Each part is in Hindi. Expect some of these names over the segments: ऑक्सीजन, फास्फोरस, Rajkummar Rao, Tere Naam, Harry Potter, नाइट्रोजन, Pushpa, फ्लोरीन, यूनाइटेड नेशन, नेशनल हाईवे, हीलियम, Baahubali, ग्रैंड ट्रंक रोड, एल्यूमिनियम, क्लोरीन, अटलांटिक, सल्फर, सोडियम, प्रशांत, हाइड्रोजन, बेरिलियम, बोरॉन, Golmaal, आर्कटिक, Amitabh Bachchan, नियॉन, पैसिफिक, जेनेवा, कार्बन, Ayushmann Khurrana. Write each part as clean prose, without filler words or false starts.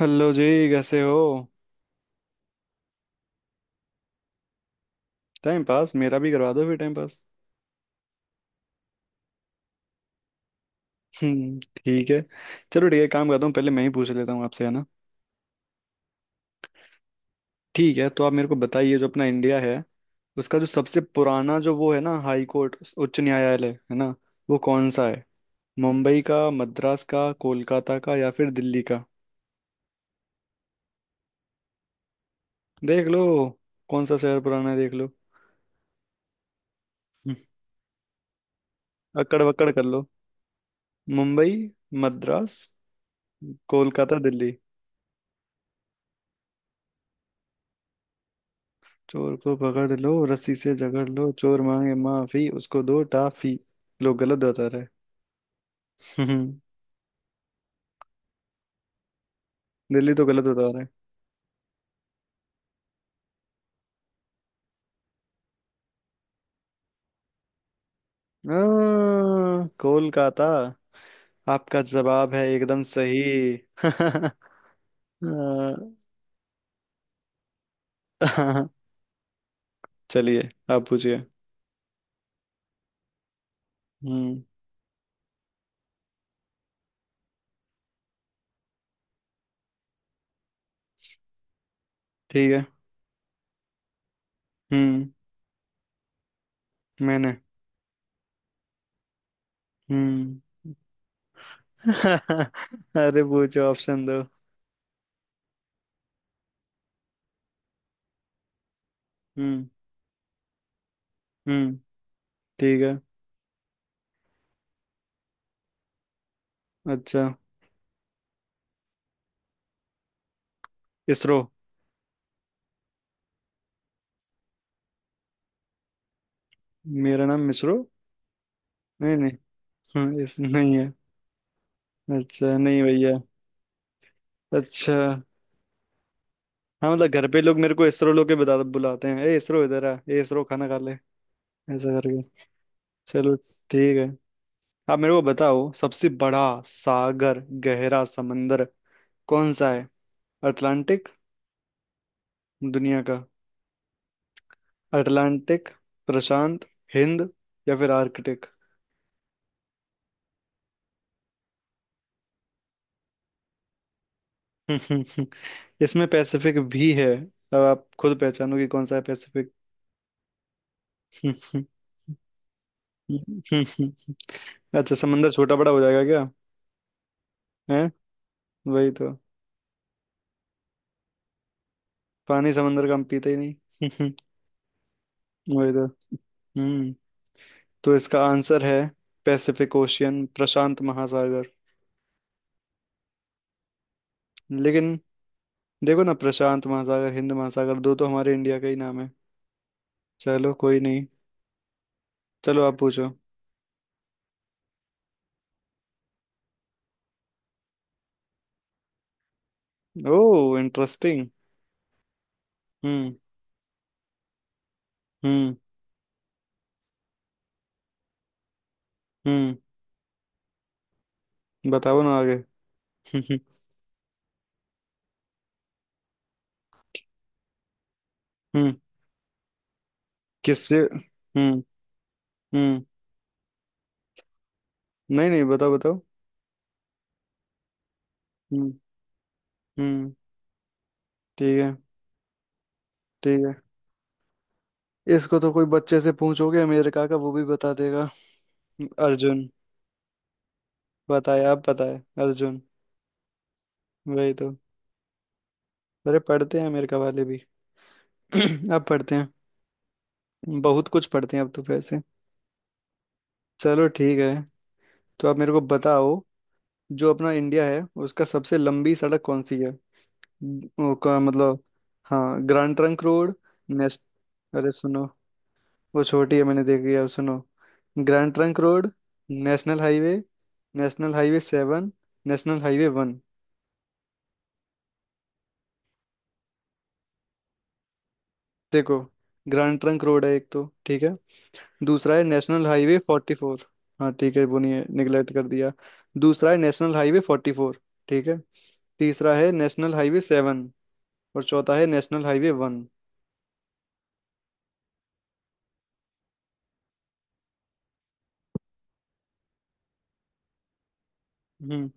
हेलो जी। कैसे हो। टाइम पास मेरा भी करवा दो फिर टाइम पास। हम्म। ठीक है। चलो ठीक है, काम करता हूँ, पहले मैं ही पूछ लेता हूँ आपसे, है ना। ठीक है, तो आप मेरे को बताइए, जो अपना इंडिया है उसका जो सबसे पुराना जो वो है ना, हाई कोर्ट, उच्च न्यायालय, है ना, वो कौन सा है। मुंबई का, मद्रास का, कोलकाता का, या फिर दिल्ली का। देख लो। कौन सा शहर पुराना है, देख लो। हम्म, अकड़ बकड़ कर लो। मुंबई। मद्रास। कोलकाता। दिल्ली। चोर को पकड़ लो, रस्सी से जकड़ लो, चोर मांगे माफी, उसको दो टाफी। लोग गलत बता रहे हैं। दिल्ली तो गलत बता रहे हैं। कोलकाता। आपका जवाब है एकदम सही। आ, चलिए, आप पूछिए। हम्म। ठीक है। हम्म। मैंने। हम्म। अरे पूछो, ऑप्शन दो। हम्म। हम्म। ठीक है। अच्छा। इसरो। मेरा नाम मिसरो। नहीं, नहीं। इस नहीं है। अच्छा, नहीं भैया। अच्छा। हाँ, मतलब घर पे लोग मेरे को इसरो लोग के बता बुलाते हैं, ए इसरो इधर आ, ए इसरो खाना खा ले, ऐसा करके। चलो, ठीक है। आप मेरे को बताओ सबसे बड़ा सागर, गहरा समंदर कौन सा है। अटलांटिक। दुनिया का। अटलांटिक, प्रशांत, हिंद, या फिर आर्कटिक। इसमें पैसिफिक भी है। अब आप खुद पहचानो कि कौन सा है पैसिफिक। अच्छा, समंदर छोटा बड़ा हो जाएगा क्या? है, वही तो। पानी समंदर का हम पीते ही नहीं। वही तो। हम्म तो इसका आंसर है पैसिफिक ओशियन, प्रशांत महासागर। लेकिन देखो ना, प्रशांत महासागर, हिंद महासागर, दो तो हमारे इंडिया का ही नाम है। चलो कोई नहीं। चलो आप पूछो। ओ, इंटरेस्टिंग। हम्म। हम्म। हम्म। बताओ ना आगे। हम्म। किससे? हम्म। हम्म। नहीं, नहीं, बताओ, बताओ। हम्म। हम्म। ठीक है। ठीक है। इसको तो कोई बच्चे से पूछोगे, अमेरिका का वो भी बता देगा। अर्जुन। बताए आप बताए। अर्जुन। वही तो। अरे पढ़ते हैं अमेरिका वाले भी। अब पढ़ते हैं। बहुत कुछ पढ़ते हैं अब तो वैसे। चलो, ठीक है। तो आप मेरे को बताओ, जो अपना इंडिया है उसका सबसे लंबी सड़क कौन सी है। वो का मतलब। हाँ, ग्रैंड ट्रंक रोड। नेश अरे सुनो, वो छोटी है, मैंने देखी है, सुनो। ग्रैंड ट्रंक रोड, नेशनल हाईवे, नेशनल हाईवे seven, नेशनल हाईवे one. देखो, ग्रैंड ट्रंक रोड है एक, तो ठीक है। दूसरा है नेशनल हाईवे फोर्टी फोर। हाँ, ठीक है, वो नहीं है, निगलेक्ट कर दिया। दूसरा है नेशनल हाईवे फोर्टी फोर। ठीक है। तीसरा है नेशनल हाईवे सेवन। और चौथा है नेशनल हाईवे वन। हम्म।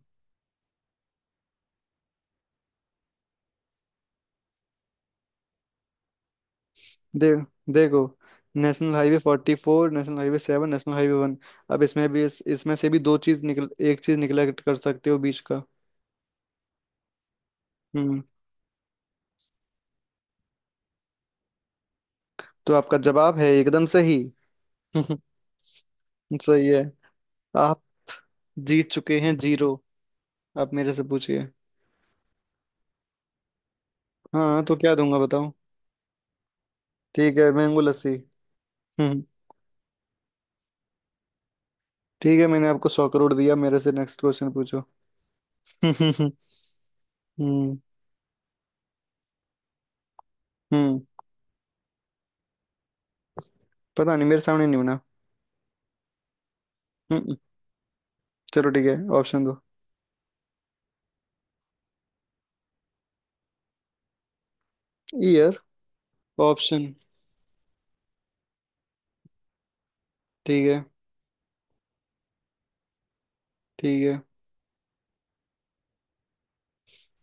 दे देखो, नेशनल हाईवे forty four, नेशनल हाईवे seven, नेशनल हाईवे one. अब इसमें भी इसमें से भी दो चीज निकल, एक चीज निगलेक्ट कर सकते हो, बीच का। हम्म। तो आपका जवाब है एकदम सही। सही है। आप जीत चुके हैं, जीरो। आप मेरे से पूछिए। हाँ तो क्या दूंगा, बताओ। ठीक है, मैंगो लस्सी। हम्म। ठीक है, मैंने आपको 100 करोड़ दिया, मेरे से नेक्स्ट क्वेश्चन पूछो। हम्म। हम्म। पता नहीं, मेरे सामने नहीं बना। हम्म। चलो ठीक है, ऑप्शन दो। ईयर। ऑप्शन। ठीक है। ठीक है।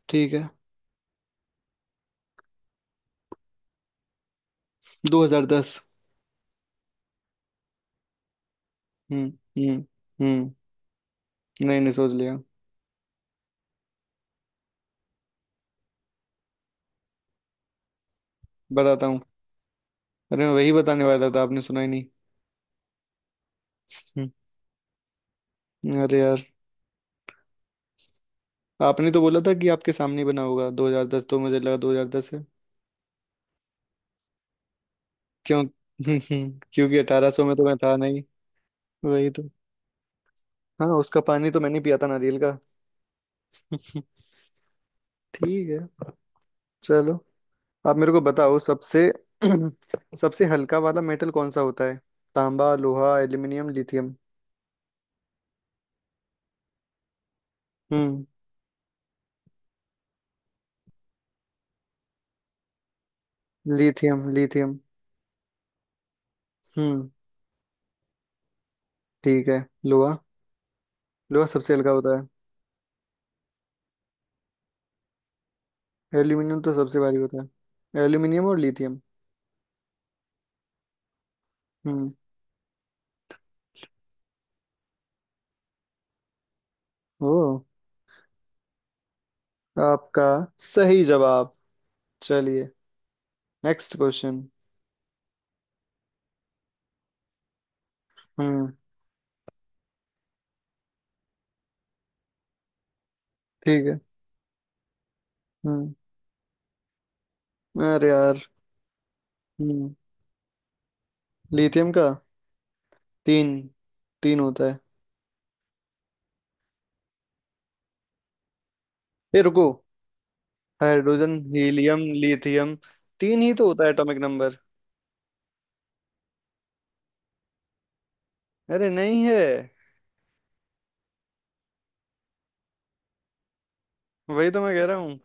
ठीक है। 2010। हम्म। हम्म। हम्म। नहीं, नहीं, सोच लिया। बताता हूँ। अरे मैं वही बताने वाला था, आपने सुना ही नहीं। अरे यार। आपने तो बोला था कि आपके सामने ही बना होगा 2010, तो मुझे लगा 2010 है। क्यों? क्योंकि 1800 में तो मैं था नहीं। वही तो। हाँ, उसका पानी तो मैंने पिया था, नारियल। ठीक है। चलो। आप मेरे को बताओ सबसे सबसे हल्का वाला मेटल कौन सा होता है। तांबा, लोहा, एल्यूमिनियम, लिथियम। हम्म। Lithium, lithium. हम्म। ठीक है। लोहा, लोहा सबसे हल्का होता है। एल्यूमिनियम तो सबसे भारी होता है, एल्यूमिनियम और लिथियम। हम्म। ओ, आपका सही जवाब। चलिए नेक्स्ट क्वेश्चन। हम्म। ठीक है। हम्म अरे यार। हम्म। लिथियम का। तीन। तीन होता है। ए रुको। हाइड्रोजन, हीलियम, lithium. तीन ही तो होता है एटॉमिक नंबर। अरे नहीं है। वही तो मैं कह रहा हूँ।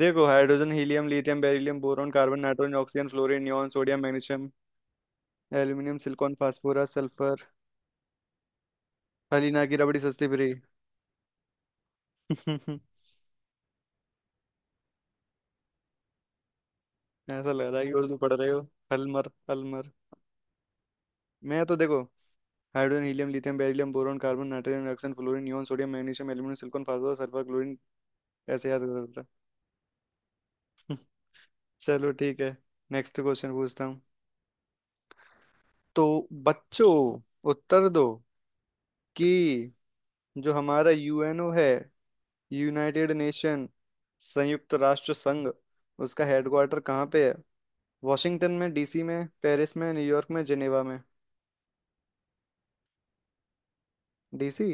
देखो, हाइड्रोजन, हीलियम, lithium, बेरिलियम, बोरॉन, कार्बन, नाइट्रोजन, ऑक्सीजन, फ्लोरीन, नियॉन, सोडियम, magnesium, एल्यूमिनियम, silicon, फास्फोरस, सल्फर। हलीना की रबड़ी सस्ती फ्री। ऐसा लग रहा है कि उर्दू पढ़ रहे हो। हलमर, हलमर। मैं तो देखो, हाइड्रोजन, हीलियम, lithium, बेरिलियम, बोरॉन, कार्बन, नाइट्रोजन, ऑक्सीजन, फ्लोरीन, नियॉन, सोडियम, magnesium, एल्यूमिनियम, silicon, फास्फोरस, सल्फर, क्लोरीन, ऐसे याद करता था। चलो, ठीक है। नेक्स्ट क्वेश्चन पूछता हूँ। तो बच्चों, उत्तर दो कि जो हमारा यूएनओ है, यूनाइटेड नेशन, संयुक्त राष्ट्र संघ, उसका हेडक्वार्टर कहाँ पे है? वॉशिंगटन में, डीसी में, पेरिस में, न्यूयॉर्क में, जेनेवा में। डीसी।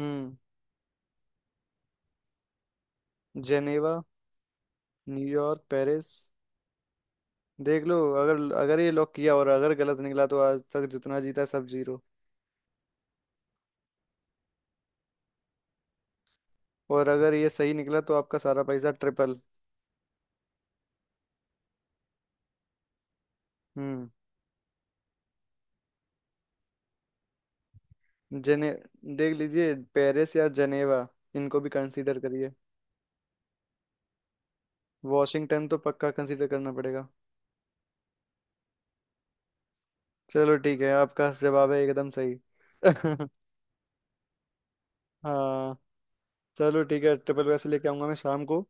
हम्म। जेनेवा। New York, Paris. देख लो, अगर अगर ये लॉक किया और अगर गलत निकला तो आज तक जितना जीता है, सब जीरो। और अगर ये सही निकला तो आपका सारा पैसा ट्रिपल। हम्म। जेने देख लीजिए, पेरिस या जेनेवा, इनको भी कंसीडर करिए। वॉशिंगटन तो पक्का कंसीडर करना पड़ेगा। चलो ठीक है, आपका जवाब है एकदम सही। हाँ। चलो ठीक है, ट्रिपल वैसे लेके आऊंगा मैं शाम को।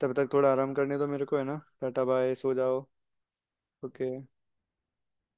तब तक थोड़ा आराम करने दो मेरे को, है ना, टाटा बाय, सो जाओ। ओके।